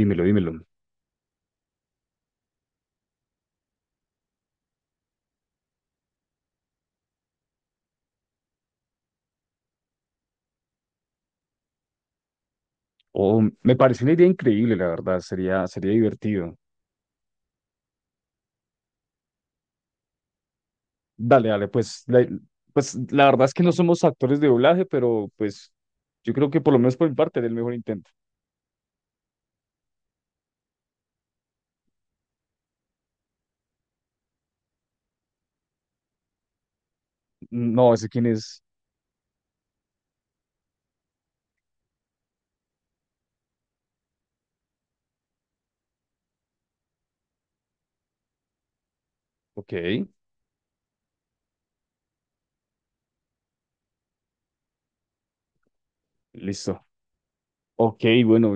Dímelo, dímelo. Oh, me parece una idea increíble, la verdad. Sería divertido. Dale, dale, pues la verdad es que no somos actores de doblaje, pero pues yo creo que por lo menos por mi parte era el mejor intento. No, ese quién es. Ok, listo. Ok, bueno,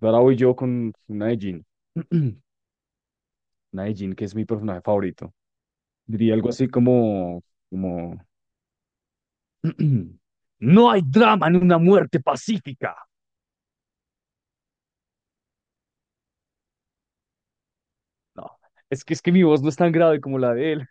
ahora voy yo con una de Jean. Una de Jean, que es mi personaje favorito. Diría algo así como, no hay drama en una muerte pacífica. No, es que mi voz no es tan grave como la de él.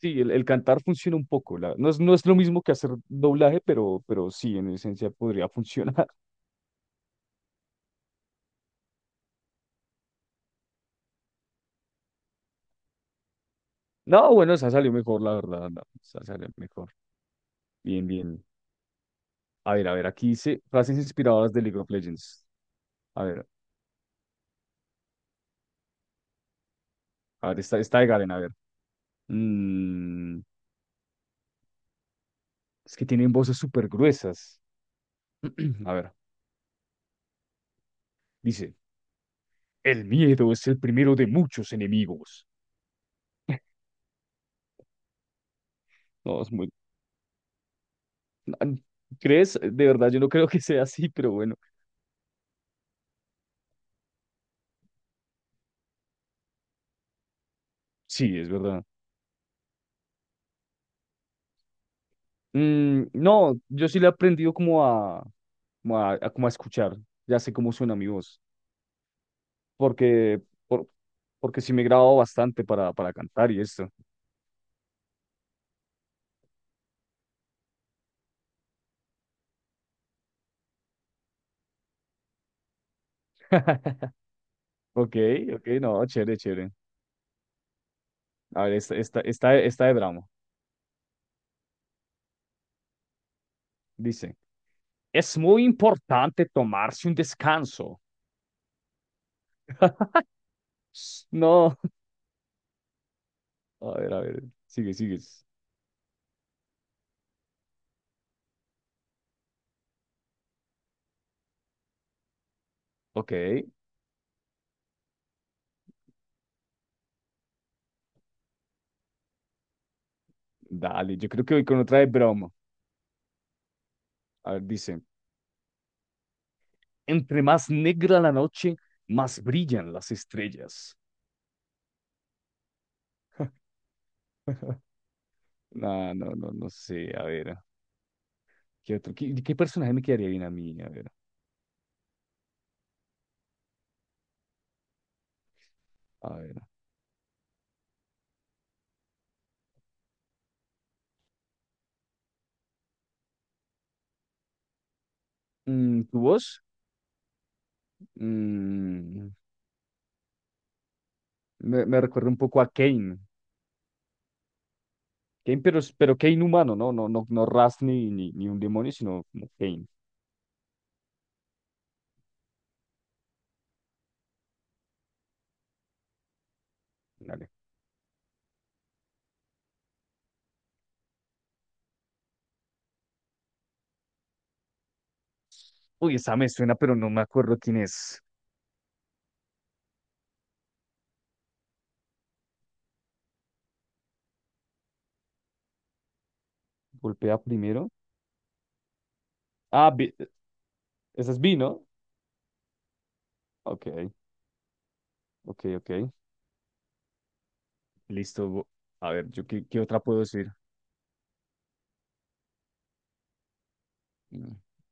Sí, el cantar funciona un poco. No es, no es lo mismo que hacer doblaje, pero sí, en esencia podría funcionar. No, bueno, esa salió mejor, la verdad. No, esa salió mejor. Bien, bien. A ver, aquí dice frases inspiradoras de League of Legends. A ver, a ver, está de Garen, a ver. Mm, es que tienen voces súper gruesas. A ver, dice, el miedo es el primero de muchos enemigos. No, es muy... ¿Crees? De verdad, yo no creo que sea así, pero bueno. Sí, es verdad. No, yo sí le he aprendido como a escuchar, ya sé cómo suena mi voz, porque, por- porque sí me grabo bastante para cantar y esto. Ok, ok, no, chévere, chévere. A ver, esta de Bramo. Dice, es muy importante tomarse un descanso. Ps, no. A ver, sigue, sigue. Ok, dale, yo creo que voy con otra de Bramo. A ver, dice, entre más negra la noche, más brillan las estrellas. No, no, no, no sé. A ver, ¿qué otro? ¿Qué personaje me quedaría bien a mí? A ver, a ver. Mm, ¿tu voz? Mm, me recuerda un poco a Kane. Kane, pero Kane humano, ¿no? No, no, no Raz ni un demonio, sino como Kane. Dale. Uy, esa me suena, pero no me acuerdo quién es. Golpea primero. Ah, Vi- Esa es Vi, ¿no? Ok, ok, ok. Listo. A ver, yo qué otra puedo decir.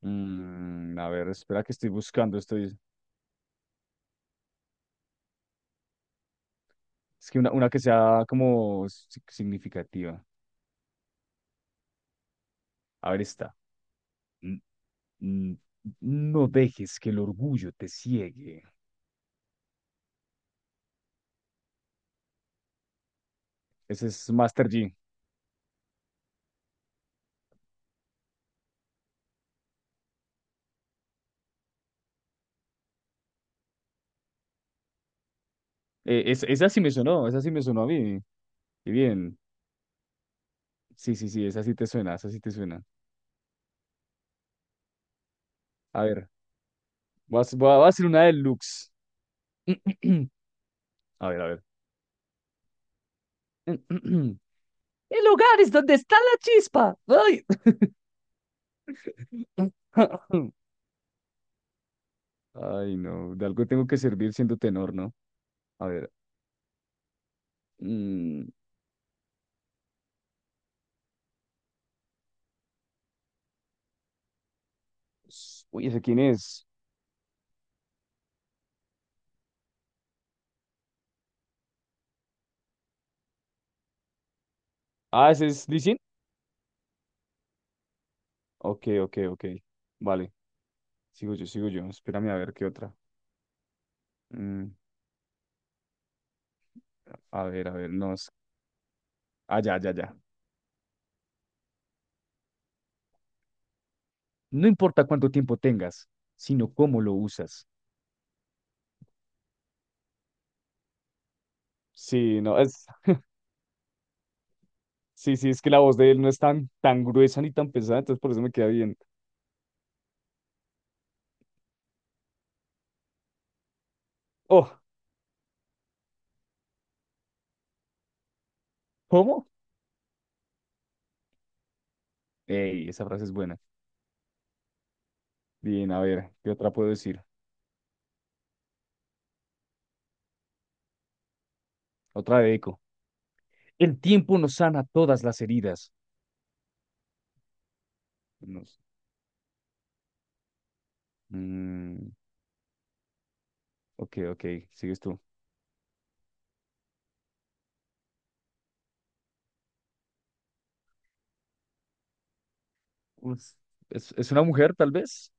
A ver, espera que estoy buscando, estoy. Es que una que sea como significativa. A ver, esta, N- n- no dejes que el orgullo te ciegue. Ese es Master G. Esa sí me sonó, esa sí me sonó a mí. Y bien. Sí, sí, sí, esa sí te suena, esa sí te suena. A ver, voy a voy a hacer una deluxe. A ver, a ver. El hogar es donde está la chispa. Ay. Ay, no, de algo tengo que servir siendo tenor, ¿no? A ver. mm, Uy, ¿ese quién es? Ah, ¿ese es Lee Sin? Ok, ok, ok. Vale, sigo yo, sigo yo. Espérame a ver qué otra. Mm, a ver, a ver, no. Ah, ya, ya, ya. No importa cuánto tiempo tengas, sino cómo lo usas. Sí, no, es. Sí, sí, es que la voz de él no es tan gruesa ni tan pesada, entonces por eso me queda bien. Oh, ¿cómo? Ey, esa frase es buena. Bien, a ver, ¿qué otra puedo decir? Otra de Eco. El tiempo nos sana todas las heridas. Nos- Mm, ok, ok, sigues tú. Pues, es una mujer, tal vez.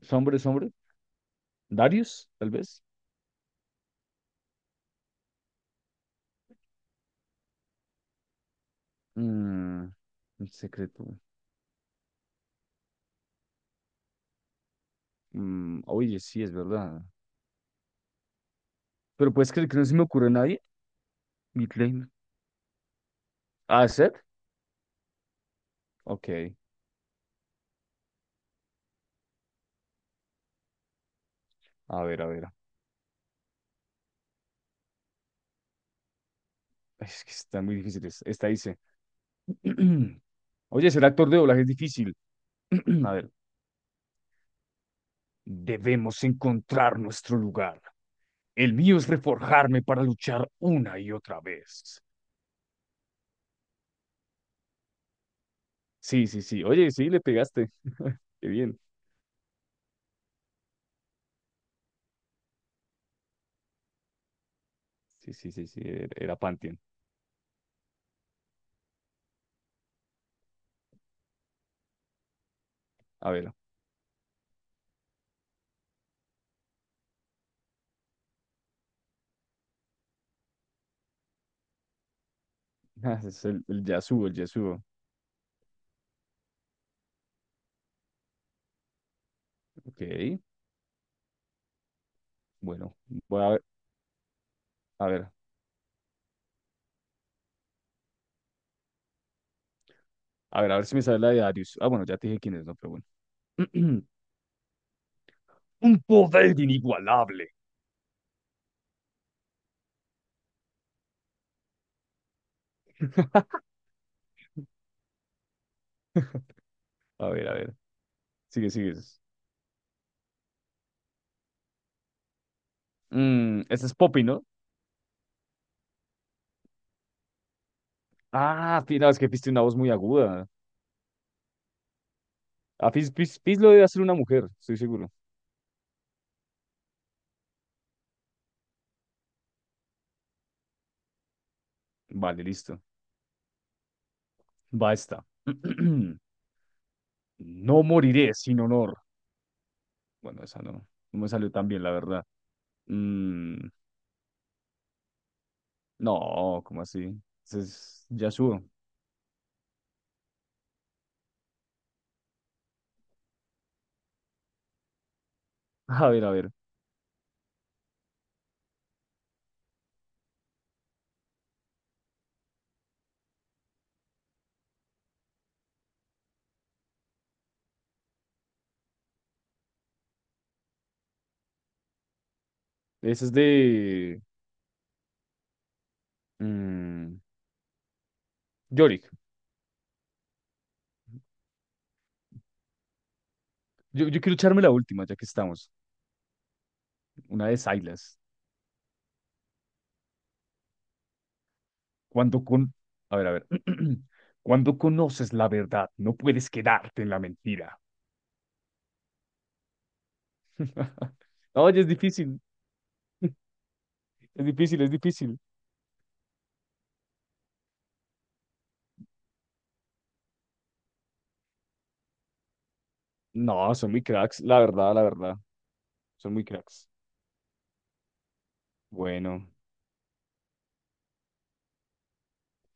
Es hombre, es hombre. Darius, tal vez. Mm, un secreto. Mm, oye, sí, es verdad. Pero puedes creer que no se me ocurre a nadie. Midlane. Ah, Seth. Ok. A ver, a ver. Ay, es que están muy difíciles. Esta dice. Oye, ser actor de doblaje es difícil. A ver. Debemos encontrar nuestro lugar. El mío es reforjarme para luchar una y otra vez. Sí, sí, sí. Oye, sí, le pegaste. Qué bien. Sí, sí, sí, sí, era Pantheon. A ver, es el Yasuo, el Yasuo. Ok, bueno, voy a ver, a ver, a ver, a ver si me sale la de Darius. Ah, bueno, ya te dije quién es, no, pero bueno. Un poder inigualable. A ver, sigue, sigue. Mm, ese es Poppy, ¿no? Ah, Fizz, no, es que Fizz tiene una voz muy aguda. A Fizz, Fizz lo debe hacer una mujer, estoy seguro. Vale, listo. Va esta. No moriré sin honor. Bueno, esa no, no me salió tan bien, la verdad. Mm, no, ¿cómo así? Ese es Yasuo. A ver, a ver. Ese es de mm, Yorick. Yo quiero echarme la última, ya que estamos. Una de Sylas. Cuando con... A ver, a ver. Cuando conoces la verdad, no puedes quedarte en la mentira. Oye, es difícil. Es difícil, es difícil. No, son muy cracks, la verdad, la verdad. Son muy cracks. Bueno,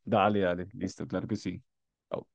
dale, dale. Listo, claro que sí. Au.